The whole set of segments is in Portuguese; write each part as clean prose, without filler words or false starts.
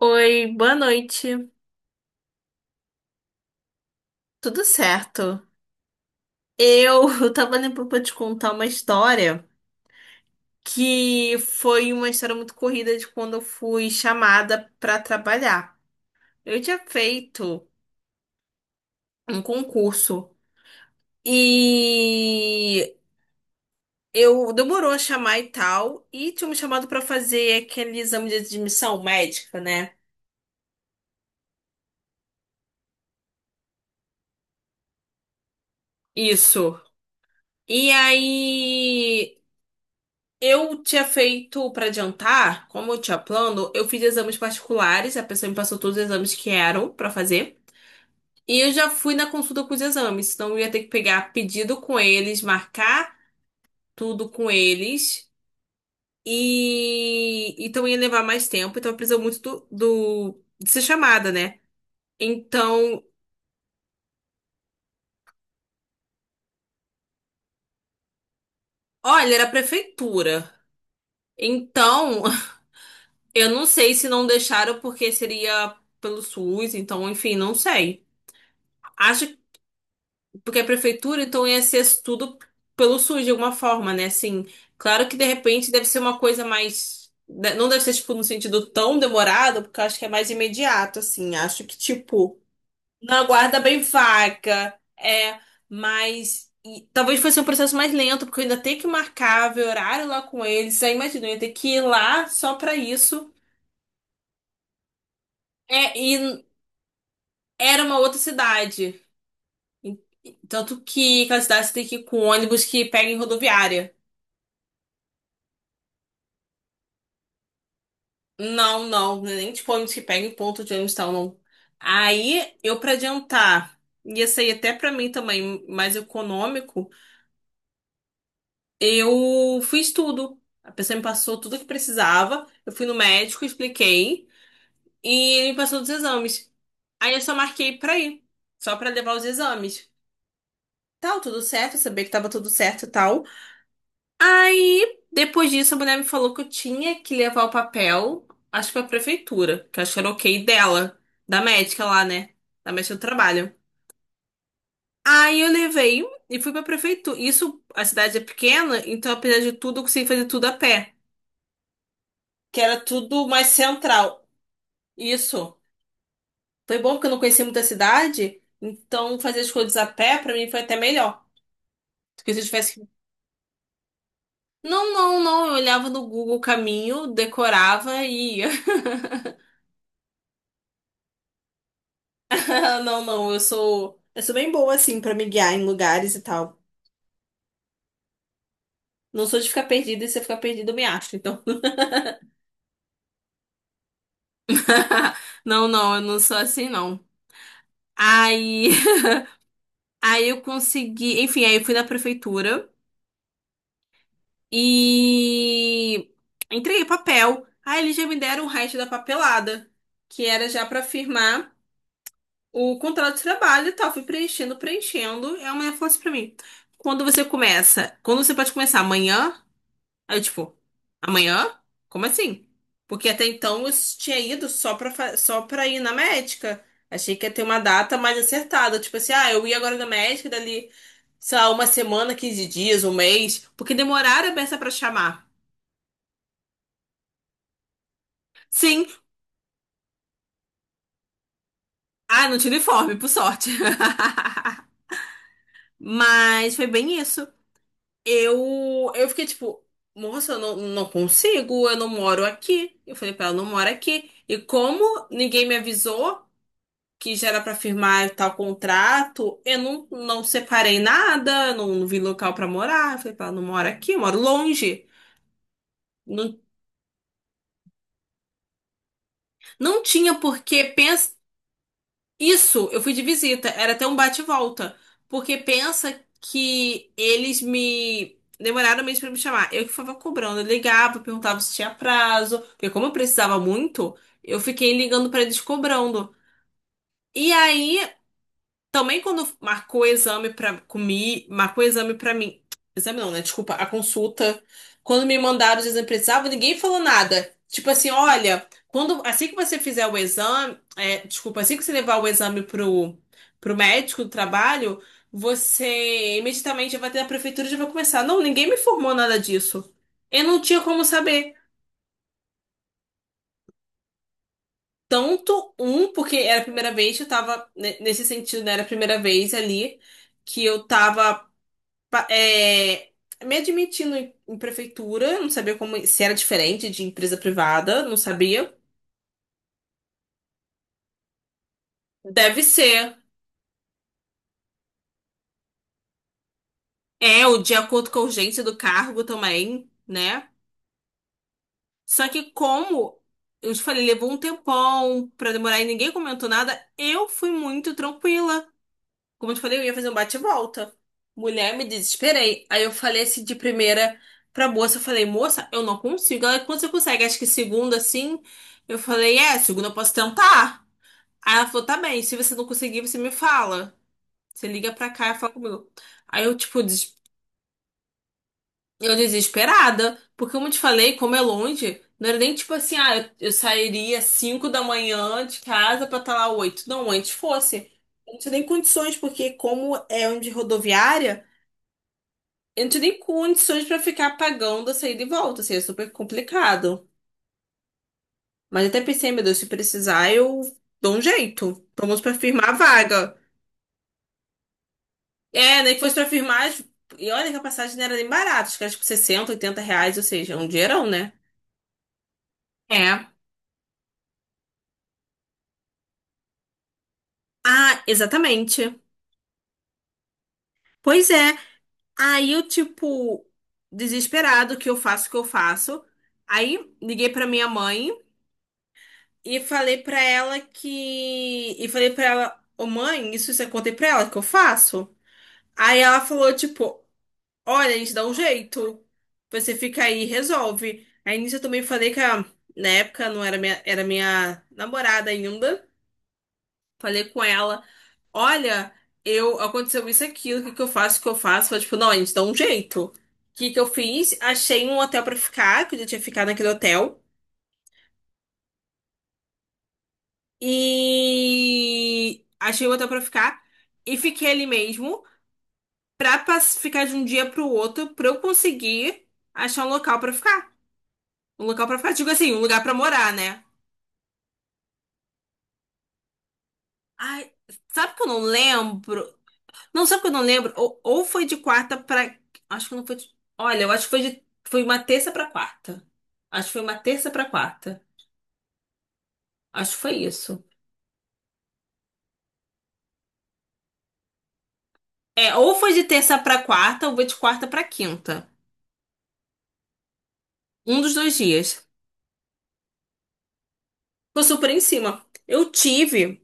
Oi, boa noite. Tudo certo? Eu tava lembrando pra te contar uma história que foi uma história muito corrida de quando eu fui chamada pra trabalhar. Eu tinha feito um concurso e eu demorou a chamar e tal, e tinha me chamado pra fazer aquele exame de admissão médica, né? Isso. E aí eu tinha feito para adiantar, como eu tinha plano, eu fiz exames particulares, a pessoa me passou todos os exames que eram para fazer. E eu já fui na consulta com os exames, então eu ia ter que pegar pedido com eles, marcar tudo com eles. E então ia levar mais tempo, então eu precisava muito de ser chamada, né? Então, olha, era a prefeitura. Então, eu não sei se não deixaram porque seria pelo SUS, então, enfim, não sei. Acho Porque a prefeitura, então, ia ser tudo pelo SUS, de alguma forma, né? Assim, claro que de repente deve ser uma coisa mais. Não deve ser, tipo, no sentido tão demorado, porque eu acho que é mais imediato, assim. Acho que, tipo, não aguarda bem vaca. É, mas. E talvez fosse um processo mais lento, porque eu ainda tenho que marcar, ver horário lá com eles. Aí imagina, eu ia ter que ir lá só pra isso. É, e era uma outra cidade. E- Tanto que aquela cidade você tem que ir com ônibus que pega em rodoviária. Não, não, nem tipo ônibus que pega em ponto de ônibus e tal, não. Aí, eu pra adiantar, ia sair até pra mim também mais econômico, eu fiz tudo. A pessoa me passou tudo que precisava, eu fui no médico, expliquei, e ele me passou dos exames. Aí eu só marquei pra ir, só pra levar os exames. Tal, tudo certo, eu sabia que tava tudo certo e tal. Aí, depois disso, a mulher me falou que eu tinha que levar o papel, acho que pra prefeitura, que acho que era ok dela, da médica lá, né? Da médica do trabalho. Aí eu levei e fui pra prefeitura. Isso, a cidade é pequena, então apesar de tudo, eu consegui fazer tudo a pé, que era tudo mais central. Isso. Foi bom porque eu não conhecia muita cidade, então fazer as coisas a pé pra mim foi até melhor. Porque se eu tivesse. Que- Não, não, não. Eu olhava no Google o caminho, decorava e ia. Não, não, Eu sou bem boa, assim, pra me guiar em lugares e tal. Não sou de ficar perdida, e se eu ficar perdida, eu me acho, então. Não, não, eu não sou assim, não. Aí. Aí eu consegui. Enfim, aí eu fui na prefeitura e. Entreguei papel. Aí eles já me deram o resto da papelada, que era já pra firmar o contrato de trabalho e tal. Fui preenchendo, preenchendo. E a mulher falou assim pra mim: quando você começa? Quando você pode começar? Amanhã? Aí eu, tipo, amanhã? Como assim? Porque até então eu tinha ido só só pra ir na médica. Achei que ia ter uma data mais acertada. Tipo assim, ah, eu ia agora na médica, dali, sei lá, uma semana, 15 dias, um mês. Porque demoraram a beça pra chamar. Sim. Ah, não tinha uniforme, por sorte. Mas foi bem isso. Eu fiquei tipo, moça, eu não consigo, eu não moro aqui. Eu falei pra ela, eu não moro aqui. E como ninguém me avisou que já era pra firmar tal contrato, eu não separei nada, não vi local pra morar. Eu falei, pá, não moro aqui, eu moro longe. Não, não tinha porque pensa isso, eu fui de visita, era até um bate e volta, porque pensa que eles me demoraram mesmo pra me chamar. Eu que ficava cobrando, eu ligava, perguntava se tinha prazo, porque como eu precisava muito, eu fiquei ligando pra eles cobrando. E aí também quando marcou o exame pra comi, marcou o exame pra mim. Exame não, né? Desculpa, a consulta. Quando me mandaram os exames que precisava, ninguém falou nada. Tipo assim, olha, quando assim que você fizer o exame, é, desculpa, assim que você levar o exame pro médico do trabalho, você imediatamente já vai ter a prefeitura e já vai começar. Não, ninguém me informou nada disso. Eu não tinha como saber. Tanto um, porque era a primeira vez, eu tava nesse sentido, né? Era a primeira vez ali que eu tava pa- é, me admitindo em prefeitura, não sabia como se era diferente de empresa privada, não sabia. Deve ser. É, o de acordo com a urgência do cargo também, né? Só que como eu te falei, levou um tempão pra demorar e ninguém comentou nada, eu fui muito tranquila. Como eu te falei, eu ia fazer um bate-volta. Mulher, me desesperei. Aí eu falei assim de primeira pra moça, eu falei, moça, eu não consigo. Ela, quando você consegue? Acho que segunda, assim. Eu falei, é, segunda eu posso tentar. Aí ela falou, tá bem, se você não conseguir, você me fala. Você liga pra cá e fala comigo. Aí eu, tipo, eu desesperada, porque como eu te falei, como é longe, não era nem tipo assim, ah, eu sairia 5 da manhã de casa pra estar lá 8. Não, antes fosse. Eu não tinha nem condições, porque como é onde é rodoviária, eu não tinha nem condições pra ficar pagando a saída e volta, assim, é super complicado. Mas eu até pensei, meu Deus, se precisar, eu dou um jeito. Pelo menos pra firmar a vaga. É, nem que fosse pra firmar. E olha que a passagem não era nem barata, acho que era tipo 60, 80 reais, ou seja, um dinheirão, né? É. Ah, exatamente. Pois é. Aí eu, tipo, desesperado, o que eu faço, o que eu faço. Aí liguei pra minha mãe e falei pra ela que. E falei pra ela, ô mãe, isso você contei pra ela que eu faço? Aí ela falou, tipo, olha, a gente dá um jeito. Você fica aí e resolve. Aí nisso eu também falei que a, na época não era minha, era minha namorada ainda. Falei com ela, olha, eu aconteceu isso e aquilo, o que que eu faço, o que eu faço? Falei, tipo, não, a gente dá um jeito. O que que eu fiz? Achei um hotel pra ficar, que eu já tinha ficado naquele hotel. E achei um hotel pra ficar e fiquei ali mesmo ficar de um dia pro outro pra eu conseguir achar um local pra ficar. Um local pra ficar, digo assim, um lugar pra morar, né? Ai, sabe que eu não lembro? Não, sabe que eu não lembro? Ou foi de quarta pra. Acho que não foi de. Olha, eu acho que foi de. Foi uma terça pra quarta. Acho que foi uma terça pra quarta. Acho que foi isso. É, ou foi de terça pra quarta, ou foi de quarta pra quinta. Um dos dois dias. Ficou super em cima. Eu tive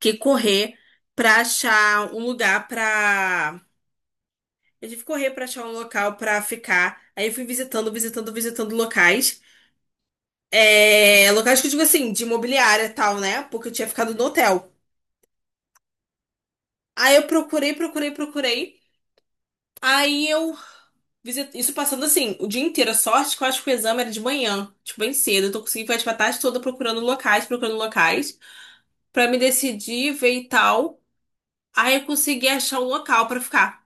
que correr pra achar um lugar pra. Eu tive que correr pra achar um local pra ficar. Aí eu fui visitando, visitando, visitando locais. É, locais que eu digo assim, de imobiliária e tal, né? Porque eu tinha ficado no hotel. Aí eu procurei, procurei, procurei. Aí eu visitei, isso passando assim, o dia inteiro. A sorte que eu acho que o exame era de manhã, tipo, bem cedo. Então, eu tô conseguindo ficar tipo, a tarde toda procurando locais, pra me decidir, ver e tal. Aí eu consegui achar um local pra ficar.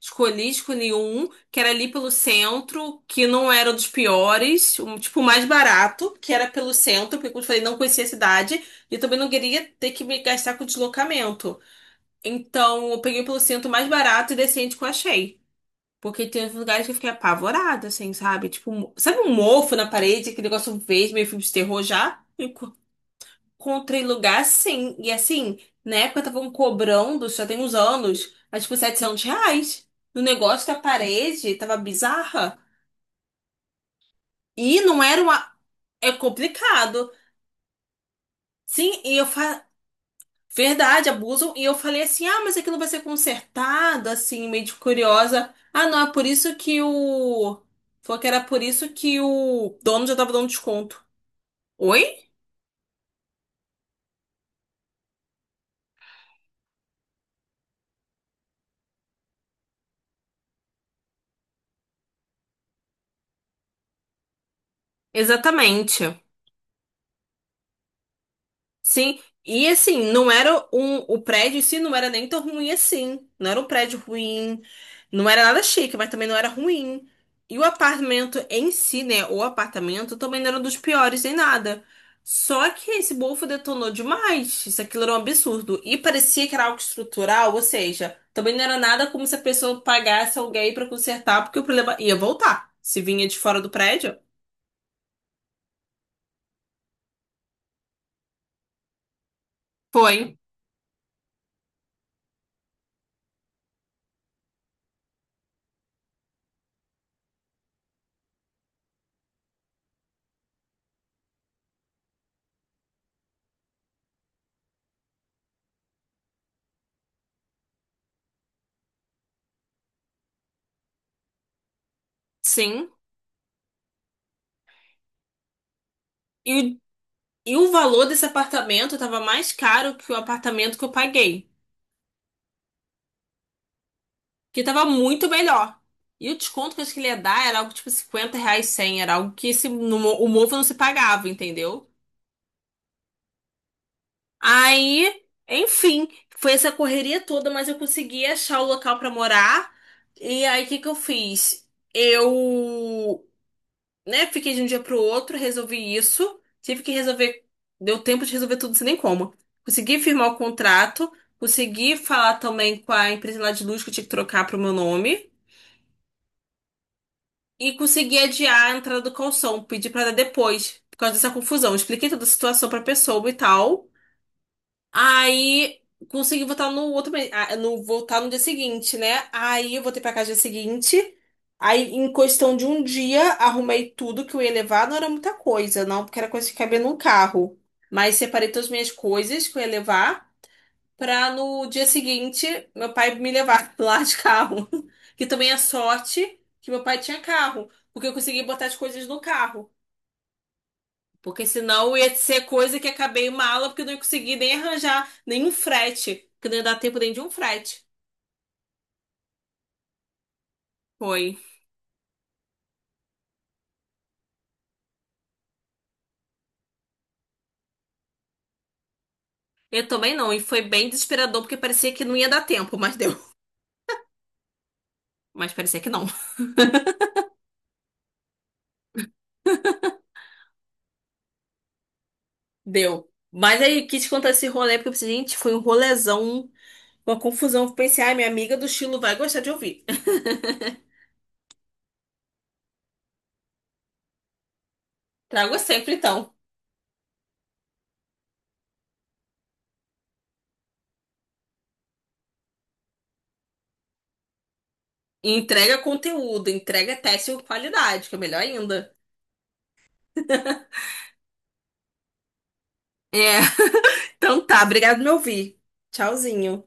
Escolhi um que era ali pelo centro, que não era dos piores, um tipo mais barato, que era pelo centro, porque como eu falei, não conhecia a cidade e também não queria ter que me gastar com deslocamento. Então, eu peguei pelo centro mais barato e decente que eu achei. Porque tem uns lugares que eu fiquei apavorada, assim, sabe? Tipo, sabe um mofo na parede, aquele negócio verde, meio filme de terror já? Com lugar sim. E assim, na época estavam cobrando, já tem uns anos, acho que 700 reais. No negócio da parede, tava bizarra. E não era uma. É complicado. Sim, e eu fa... Verdade, abusam. E eu falei assim: ah, mas aquilo vai ser consertado, assim, meio de curiosa. Ah, não, é por isso que o. Falou que era por isso que o dono já tava dando desconto. Oi? Exatamente. Sim, e assim, não era um, o prédio em si não era nem tão ruim assim. Não era um prédio ruim, não era nada chique, mas também não era ruim. E o apartamento em si, né? O apartamento também não era um dos piores em nada. Só que esse bofo detonou demais. Isso aquilo era um absurdo. E parecia que era algo estrutural, ou seja, também não era nada como se a pessoa pagasse alguém pra consertar, porque o problema ia voltar. Se vinha de fora do prédio. Foi, sim. E E o valor desse apartamento estava mais caro que o apartamento que eu paguei, que estava muito melhor. E o desconto que eu acho que ele ia dar era algo tipo 50 reais, 100, era algo que esse, o Movo não se pagava, entendeu? Aí, enfim, foi essa correria toda, mas eu consegui achar o local para morar. E aí, o que que eu fiz? Eu Né? Fiquei de um dia pro outro, resolvi isso. Tive que resolver, deu tempo de resolver tudo, sem nem como. Consegui firmar o contrato, consegui falar também com a empresa lá de luz que eu tinha que trocar pro meu nome e consegui adiar a entrada do calção, pedi pra dar depois, por causa dessa confusão. Expliquei toda a situação pra pessoa e tal. Aí consegui votar no outro mês, ah, no votar no dia seguinte, né? Aí eu voltei pra casa no dia seguinte. Aí, em questão de um dia, arrumei tudo que eu ia levar. Não era muita coisa, não, porque era coisa que cabia num carro. Mas separei todas as minhas coisas que eu ia levar pra no dia seguinte meu pai me levar lá de carro. Que também é sorte que meu pai tinha carro, porque eu consegui botar as coisas no carro. Porque senão ia ser coisa que acabei uma aula porque eu não ia conseguir nem arranjar nenhum frete. Que não ia dar tempo nem de um frete. Foi. Eu também não. E foi bem desesperador porque parecia que não ia dar tempo, mas deu. Mas parecia que não. Deu. Mas aí quis contar esse rolê porque eu pensei, gente, foi um rolezão, uma confusão. Eu pensei, ai, minha amiga do estilo vai gostar de ouvir. Trago sempre então. Entrega conteúdo, entrega teste com qualidade, que é melhor ainda. É. Então tá, obrigado por me ouvir. Tchauzinho.